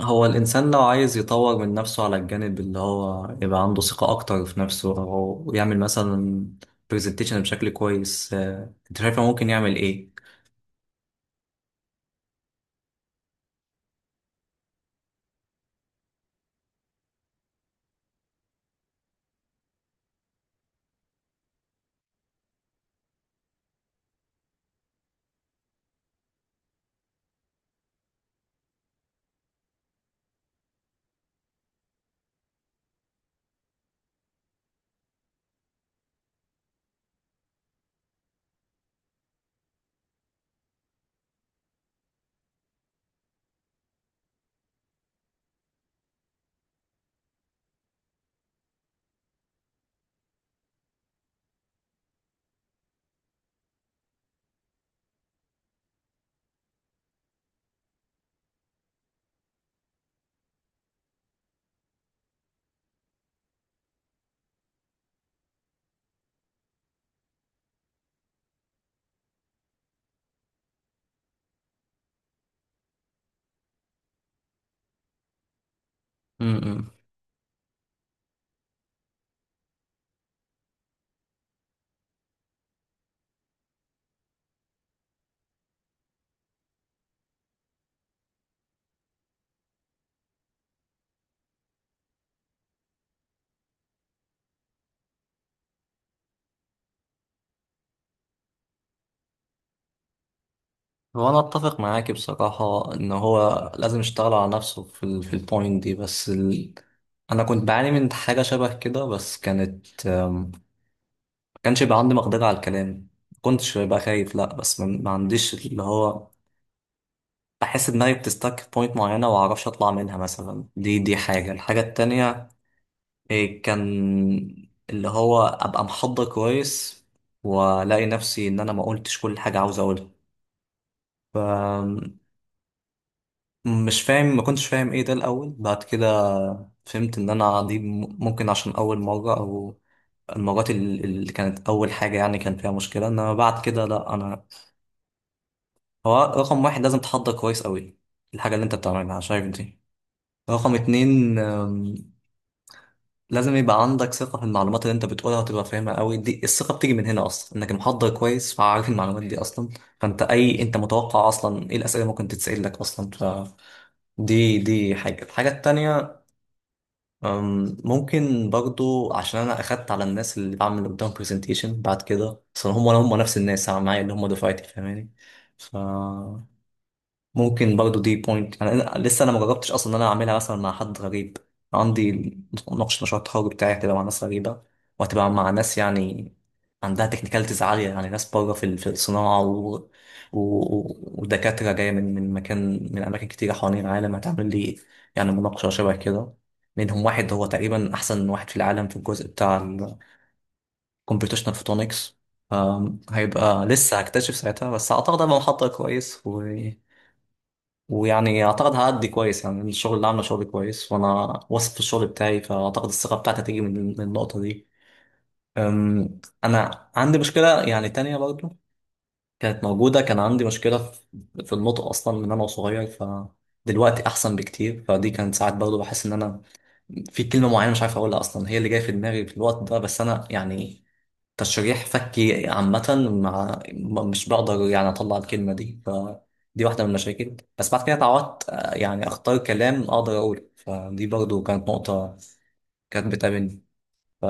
هو الإنسان لو عايز يطور من نفسه على الجانب اللي هو يبقى عنده ثقة أكتر في نفسه، أو يعمل مثلا برزنتيشن بشكل كويس، أنت شايف هو ممكن يعمل إيه؟ امم. هو أنا أتفق معاك بصراحة إن هو لازم يشتغل على نفسه في البوينت دي، بس أنا كنت بعاني من حاجة شبه كده، بس كانت ما كانش يبقى عندي مقدرة على الكلام. ما كنتش ببقى خايف لأ، بس ما عنديش اللي هو، بحس دماغي بتستك في بوينت معينة ومعرفش أطلع منها مثلا. دي حاجة. الحاجة التانية إيه، كان اللي هو أبقى محضر كويس وألاقي نفسي إن أنا ما قلتش كل حاجة عاوز أقولها. ف- مش فاهم ما كنتش فاهم إيه ده الأول. بعد كده فهمت إن أنا دي ممكن عشان أول مرة، أو المرات اللي كانت أول حاجة يعني كان فيها مشكلة، إنما بعد كده لأ أنا. هو رقم واحد لازم تحضر كويس أوي الحاجة اللي أنت بتعملها، شايف دي. رقم اتنين لازم يبقى عندك ثقة في المعلومات اللي انت بتقولها وتبقى فاهمها قوي، دي الثقة بتيجي من هنا اصلا، انك محضر كويس فعارف المعلومات دي اصلا. فانت اي انت متوقع اصلا ايه الاسئلة اللي ممكن تتسأل لك اصلا. ف دي حاجة. الحاجة التانية، ممكن برضو عشان أنا أخدت على الناس اللي بعمل قدام برزنتيشن بعد كده، أصلا هم نفس الناس معايا اللي هم دفعتي، فاهماني. ف ممكن برضو دي بوينت. يعني أنا لسه ما جربتش اصلا ان انا اعملها مثلا مع حد غريب. عندي مناقشه مشروع التخرج بتاعي هتبقى مع ناس غريبه، وهتبقى مع ناس يعني عندها تكنيكاليتيز عاليه، يعني ناس بره في الصناعه ودكاتره جايه من مكان من اماكن كتيره حوالين العالم، هتعمل لي يعني مناقشه شبه كده. منهم واحد هو تقريبا احسن واحد في العالم في الجزء بتاع الكمبيوتيشنال فوتونكس. هيبقى لسه هكتشف ساعتها، بس اعتقد هبقى محضر كويس و ويعني اعتقد هأدي كويس. يعني الشغل اللي عامله شغل كويس وانا واثق في الشغل بتاعي، فاعتقد الثقه بتاعتي هتيجي من النقطه دي. انا عندي مشكله يعني تانية برضه، كانت موجوده. كان عندي مشكله في النطق اصلا من انا صغير. ف دلوقتي احسن بكتير، فدي كانت ساعات برضه بحس ان انا في كلمه معينه مش عارف اقولها اصلا هي اللي جايه في دماغي في الوقت ده، بس انا يعني تشريح فكي عامة مع مش بقدر يعني أطلع الكلمة دي. فدي واحدة من المشاكل. بس بعد كده اتعودت، يعني أختار كلام أقدر أقوله، فدي برضو كانت نقطة كانت بتقابلني. ف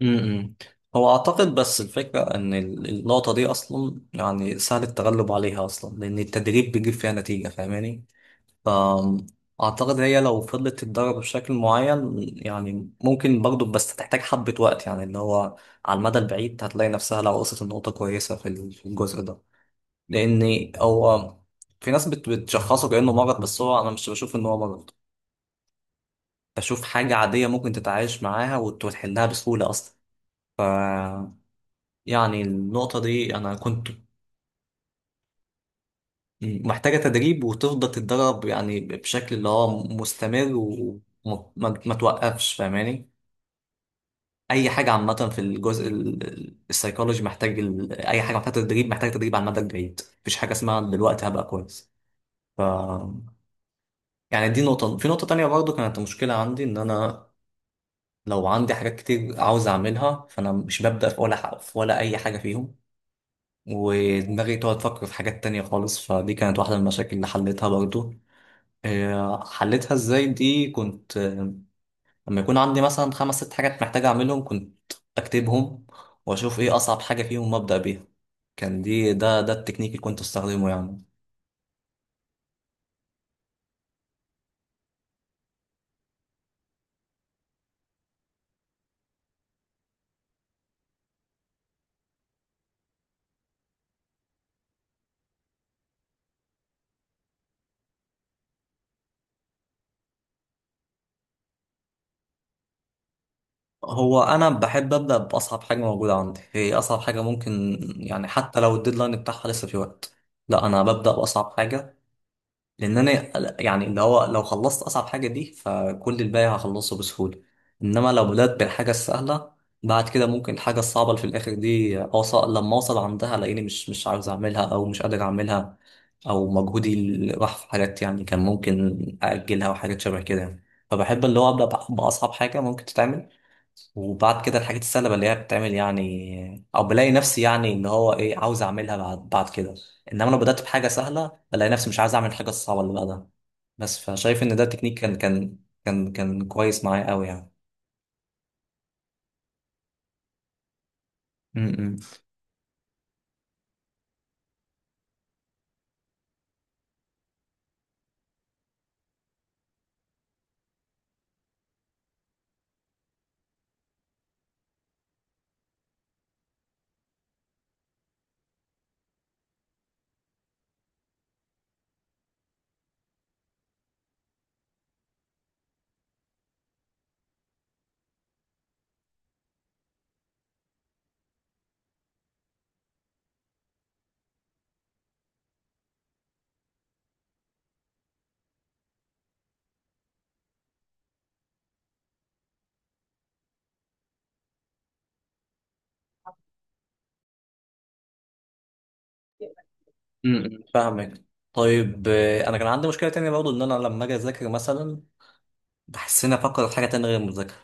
م-م. هو أعتقد بس الفكرة إن النقطة دي أصلا يعني سهل التغلب عليها أصلا، لأن التدريب بيجيب فيها نتيجة، فاهماني. فأعتقد هي لو فضلت تتدرب بشكل معين، يعني ممكن برضو بس تحتاج حبة وقت يعني اللي هو على المدى البعيد هتلاقي نفسها لو وصلت لنقطة كويسة في في الجزء ده، لأن هو في ناس بتشخصه كأنه مرض، بس هو أنا مش بشوف إن هو مرض. بشوف حاجة عادية ممكن تتعايش معاها وتحلها بسهولة أصلا. ف يعني النقطة دي أنا كنت محتاجة تدريب وتفضل تتدرب، يعني بشكل اللي هو مستمر وما ما ما توقفش، فاهماني. اي حاجه عامه في الجزء السيكولوجي محتاج اي حاجه محتاجه تدريب، محتاجه تدريب على المدى البعيد. مفيش حاجه اسمها دلوقتي هبقى كويس. ف يعني دي نقطه. في نقطه تانية برضو كانت مشكله عندي ان انا لو عندي حاجات كتير عاوز اعملها فانا مش ببدا في ولا حق في ولا اي حاجه فيهم، ودماغي تقعد تفكر في حاجات تانية خالص. فدي كانت واحده من المشاكل اللي حليتها برضو. حليتها ازاي، دي كنت لما يكون عندي مثلا خمس ست حاجات محتاج اعملهم، كنت اكتبهم واشوف ايه اصعب حاجة فيهم وابدأ بيها. كان دي ده ده التكنيك اللي كنت استخدمه يعني. هو انا بحب ابدأ باصعب حاجة موجودة عندي، هي اصعب حاجة ممكن يعني حتى لو الديدلاين بتاعها لسه في وقت، لا انا ببدأ باصعب حاجة. لان انا يعني اللي هو لو خلصت اصعب حاجه دي فكل الباقي هخلصه بسهوله، انما لو بدات بالحاجه السهله بعد كده ممكن الحاجه الصعبه اللي في الاخر دي اوصل لما اوصل عندها الاقيني مش عاوز اعملها او مش قادر اعملها، او مجهودي اللي راح في حاجات يعني كان ممكن اجلها وحاجات شبه كده يعني. فبحب اللي هو ابدا باصعب حاجه ممكن تتعمل، وبعد كده الحاجات السهلة اللي هي بتتعمل يعني، او بلاقي نفسي يعني اللي هو ايه عاوز اعملها بعد بعد كده. انما لو بدأت بحاجة سهلة بلاقي نفسي مش عايز اعمل الحاجة الصعبة اللي بعدها بس. فشايف ان ده تكنيك كان كويس معايا قوي يعني. م- م. امم، فاهمك. طيب، انا كان عندي مشكله تانية برضو، ان انا لما اجي اذاكر مثلا بحس اني افكر في حاجه تانية غير المذاكره.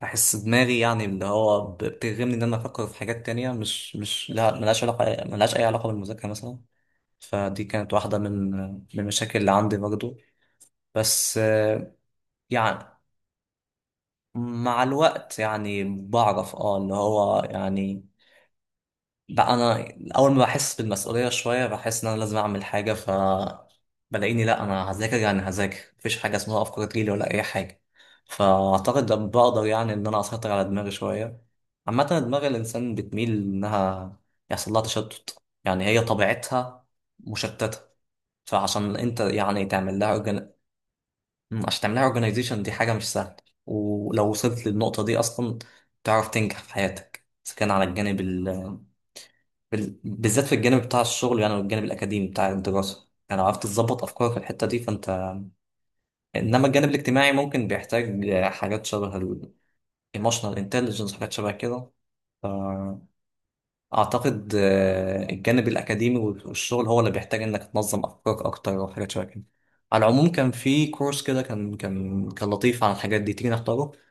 بحس دماغي يعني اللي هو بترغمني ان انا افكر في حاجات تانية مش لا، ملهاش علاقه، ملهاش اي علاقه بالمذاكره مثلا. فدي كانت واحدة من المشاكل اللي عندي برضو. بس يعني مع الوقت يعني بعرف اللي هو يعني بقى انا اول ما بحس بالمسؤولية شوية بحس ان انا لازم اعمل حاجة. ف بلاقيني لا، انا هذاكر، يعني هذاكر مفيش حاجة اسمها افكار تجيلي ولا اي حاجة. فاعتقد ده بقدر يعني ان انا اسيطر على دماغي شوية. عامة دماغ الانسان بتميل انها يحصل لها تشتت، يعني هي طبيعتها مشتتة. فعشان انت يعني تعمل لها، مم، عشان تعملها اورجانيزيشن دي حاجة مش سهلة. ولو وصلت للنقطة دي أصلا تعرف تنجح في حياتك، إذا كان على الجانب بالذات في الجانب بتاع الشغل، يعني والجانب الأكاديمي بتاع الدراسة، يعني لو عرفت تظبط أفكارك في الحتة دي فأنت. إنما الجانب الاجتماعي ممكن بيحتاج حاجات شبه ال emotional intelligence، حاجات شبه كده. فأعتقد الجانب الأكاديمي والشغل هو اللي بيحتاج إنك تنظم أفكارك أكتر وحاجات شبه كده. على العموم كان في كورس كده كان لطيف عن الحاجات دي، تيجي نختاره؟